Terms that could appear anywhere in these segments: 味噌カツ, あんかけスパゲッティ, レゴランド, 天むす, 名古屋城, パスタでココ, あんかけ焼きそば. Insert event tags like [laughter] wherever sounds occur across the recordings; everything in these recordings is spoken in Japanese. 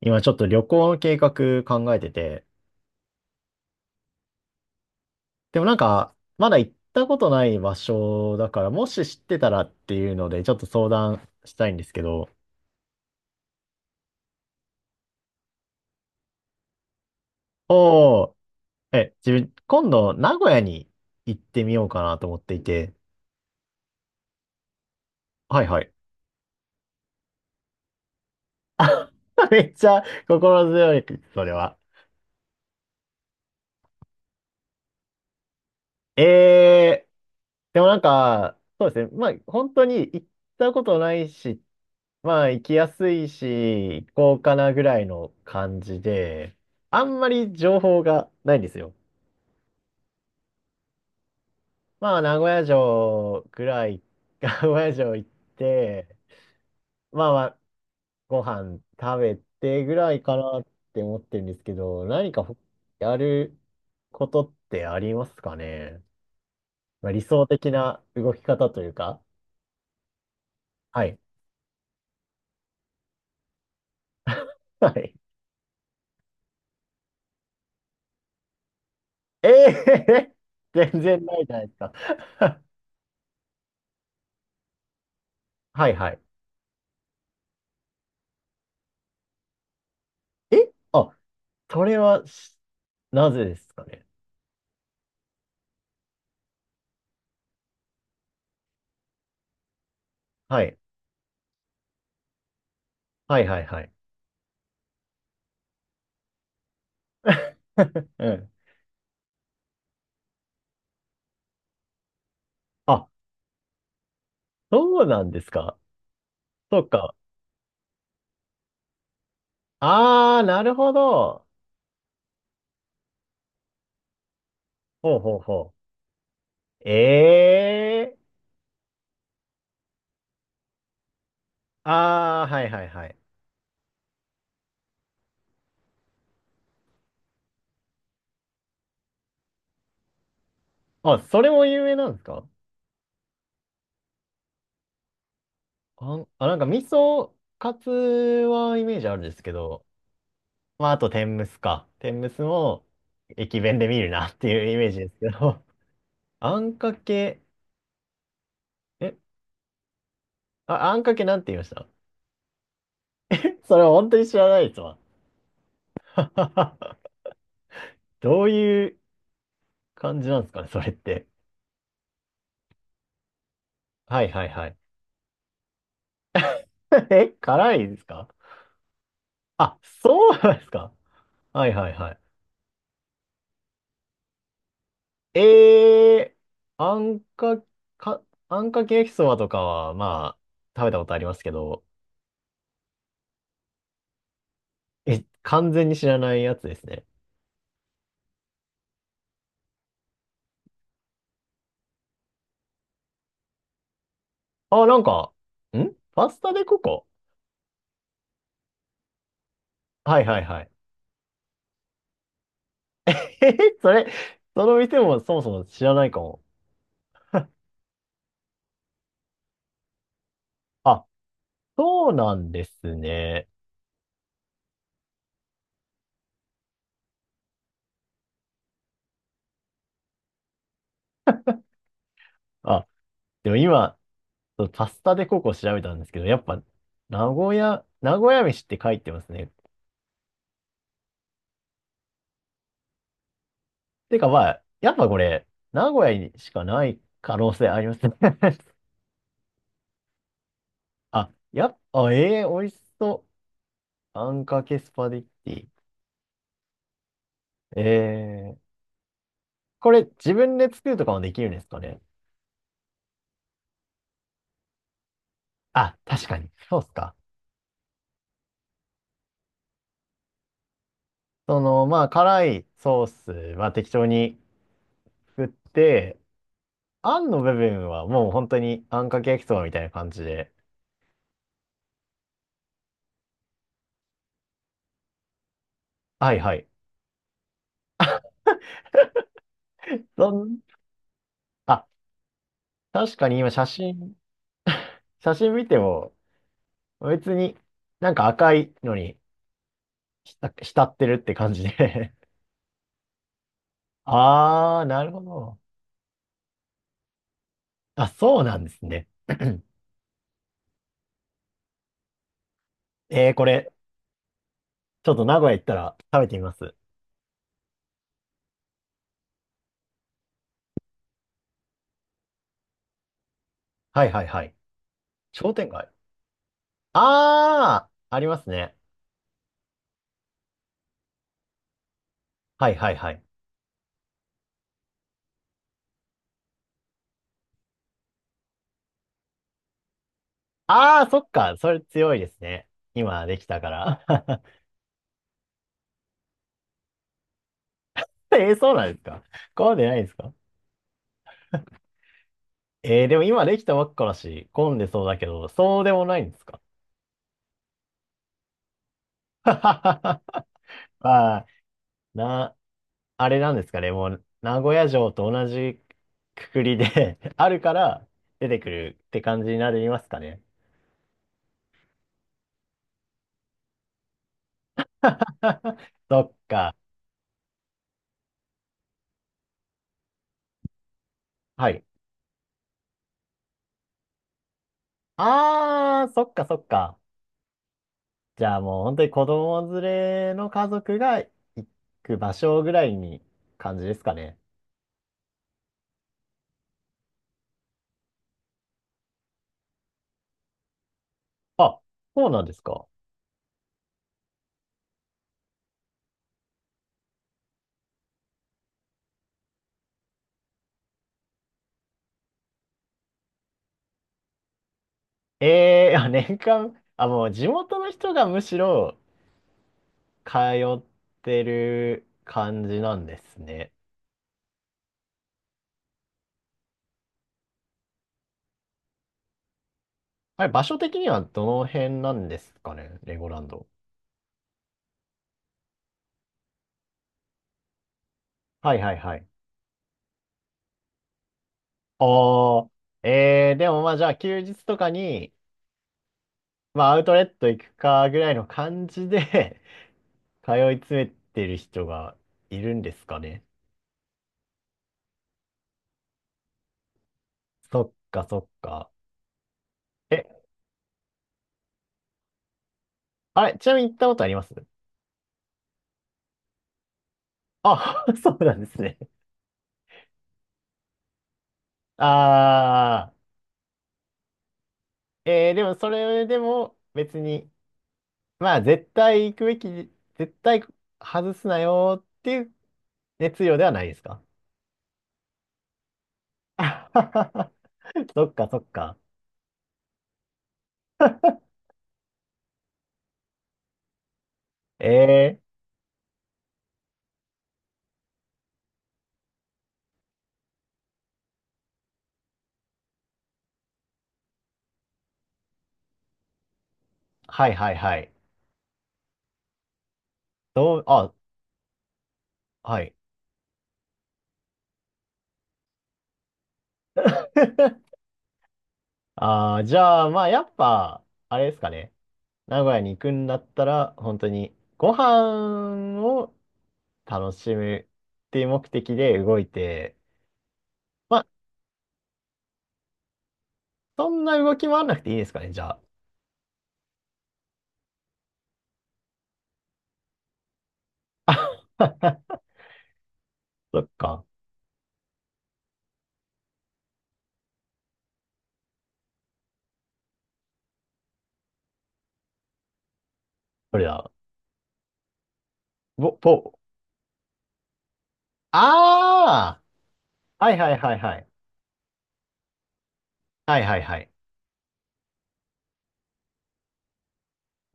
今ちょっと旅行の計画考えてて、でもなんか、まだ行ったことない場所だから、もし知ってたらっていうので、ちょっと相談したいんですけど、おー、え、自分、今度、名古屋に行ってみようかなと思っていて、はいはい。[laughs] めっちゃ心強い、それは。えー、でもなんか、そうですね。まあ、本当に行ったことないし、まあ、行きやすいし、行こうかなぐらいの感じで、あんまり情報がないんですよ。まあ、名古屋城ぐらい、[laughs] 名古屋城行って、まあまあ、ご飯食べてぐらいかなって思ってるんですけど、何かやることってありますかね。まあ、理想的な動き方というか。はい。はい。ええー [laughs] 全然ないじゃないですか。[laughs] はいはい。えあ、それは、なぜですかね。はい。はいはいはい。[laughs] うん。あ、そうなんですか。そうか。あー、なるほど。ほうほうほう。ええーあー、はいはいはい。あ、それも有名なんですか？なんか味噌カツはイメージあるんですけど、まあ、あと天むすか。天むすも駅弁で見るなっていうイメージですけど。あんかけ、え、あ、あんかけなんて言いました？ [laughs] それは本当に知らないですわ。[laughs] どういう感じなんですかね、それって。はいはいはい。[laughs] 辛いですか？あ、そうなんですか？はいはいはい。えー、あんか、か、あんかけ焼きそばとかは、まあ、食べたことありますけど、完全に知らないやつですね。あ、なんか、パスタでココ。はいはいはい。[laughs] え、それ、その店もそもそも知らないかも。あ、そうなんですね。あ、でも今、そうパスタでココ調べたんですけど、やっぱ、名古屋飯って書いてますね。てかまあ、やっぱこれ、名古屋にしかない可能性ありますね。[laughs] あ、やっぱ、ええー、美味しそう。あんかけスパゲッティ。ええー、これ自分で作るとかもできるんですかね。あ、確かに。そうっすか。まあ、辛いソースは適当に作って、あんの部分はもう本当にあんかけ焼きそばみたいな感じで。はいはい。そん、あ、確かに今写真見ても別になんか赤いのに浸浸ってるって感じで [laughs] あー、なるほど。あ、そうなんですね。[clears throat] えー、これ、ちょっと名古屋行ったら食べてみます。はいはいはい。商店街。あー、ありますね。はいはいはい。あー、そっか。それ強いですね。今できたから。[laughs] [laughs] そうなんですか？混んでないんですか？でも今できたばっかだし、混んでそうだけど、そうでもないんですか？ [laughs] まあ、な、あれなんですかね、もう、名古屋城と同じくくりで [laughs] あるから出てくるって感じになりますかね。[laughs] そっか。はい。あー、そっかそっか。じゃあもう本当に子供連れの家族が行く場所ぐらいに感じですかね。あ、そうなんですか。ええーあ、年間、あ、もう地元の人がむしろ通ってる感じなんですね。あれ、場所的にはどの辺なんですかね、レゴランド。はいはいはい。ああ、ええでもまあじゃあ休日とかに、まあアウトレット行くかぐらいの感じで [laughs] 通い詰めてる人がいるんですかね。そっかそっか。え、あれ、ちなみに行ったことあります？あ、[laughs] そうなんですね。ああ。でもそれでも別に、まあ絶対行くべき、絶対外すなよっていう熱量ではないですか？ [laughs] そっかそっか。[laughs] えー、はいはいはい。どう、あ、はい。[laughs] あーじゃあ、まあやっぱ、あれですかね。名古屋に行くんだったら、本当にご飯を楽しむっていう目的で動いて、まあそんな動き回らなくていいですかね、じゃあ。[laughs] そっか。それだぼ、ぼ、ああはいはいはいはい。はいはいはい。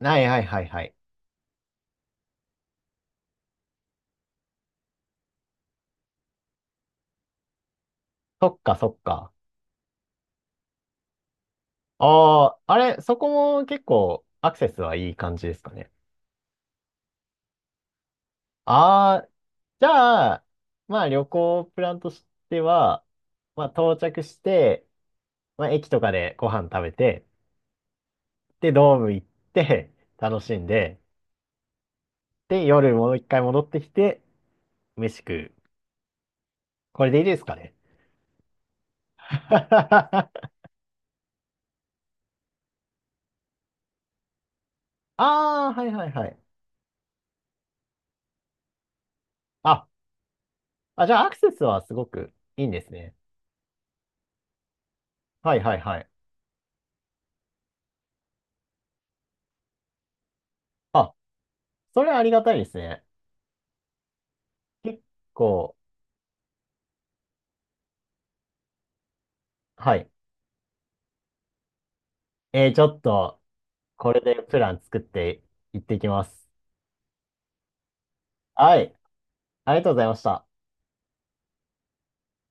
はいはいはいはい。そっかそっか。ああ、あれ、そこも結構アクセスはいい感じですかね。ああ、じゃあ、まあ旅行プランとしては、まあ到着して、まあ駅とかでご飯食べて、で、ドーム行って、楽しんで、で、夜もう一回戻ってきて、飯食う。これでいいですかね。[laughs] ああ、はいはいはい。あ、あ、じゃあアクセスはすごくいいんですね。はいはいはい。あ、それはありがたいですね。結構、はい。ちょっと、これでプラン作っていってきます。はい。ありがとうございました。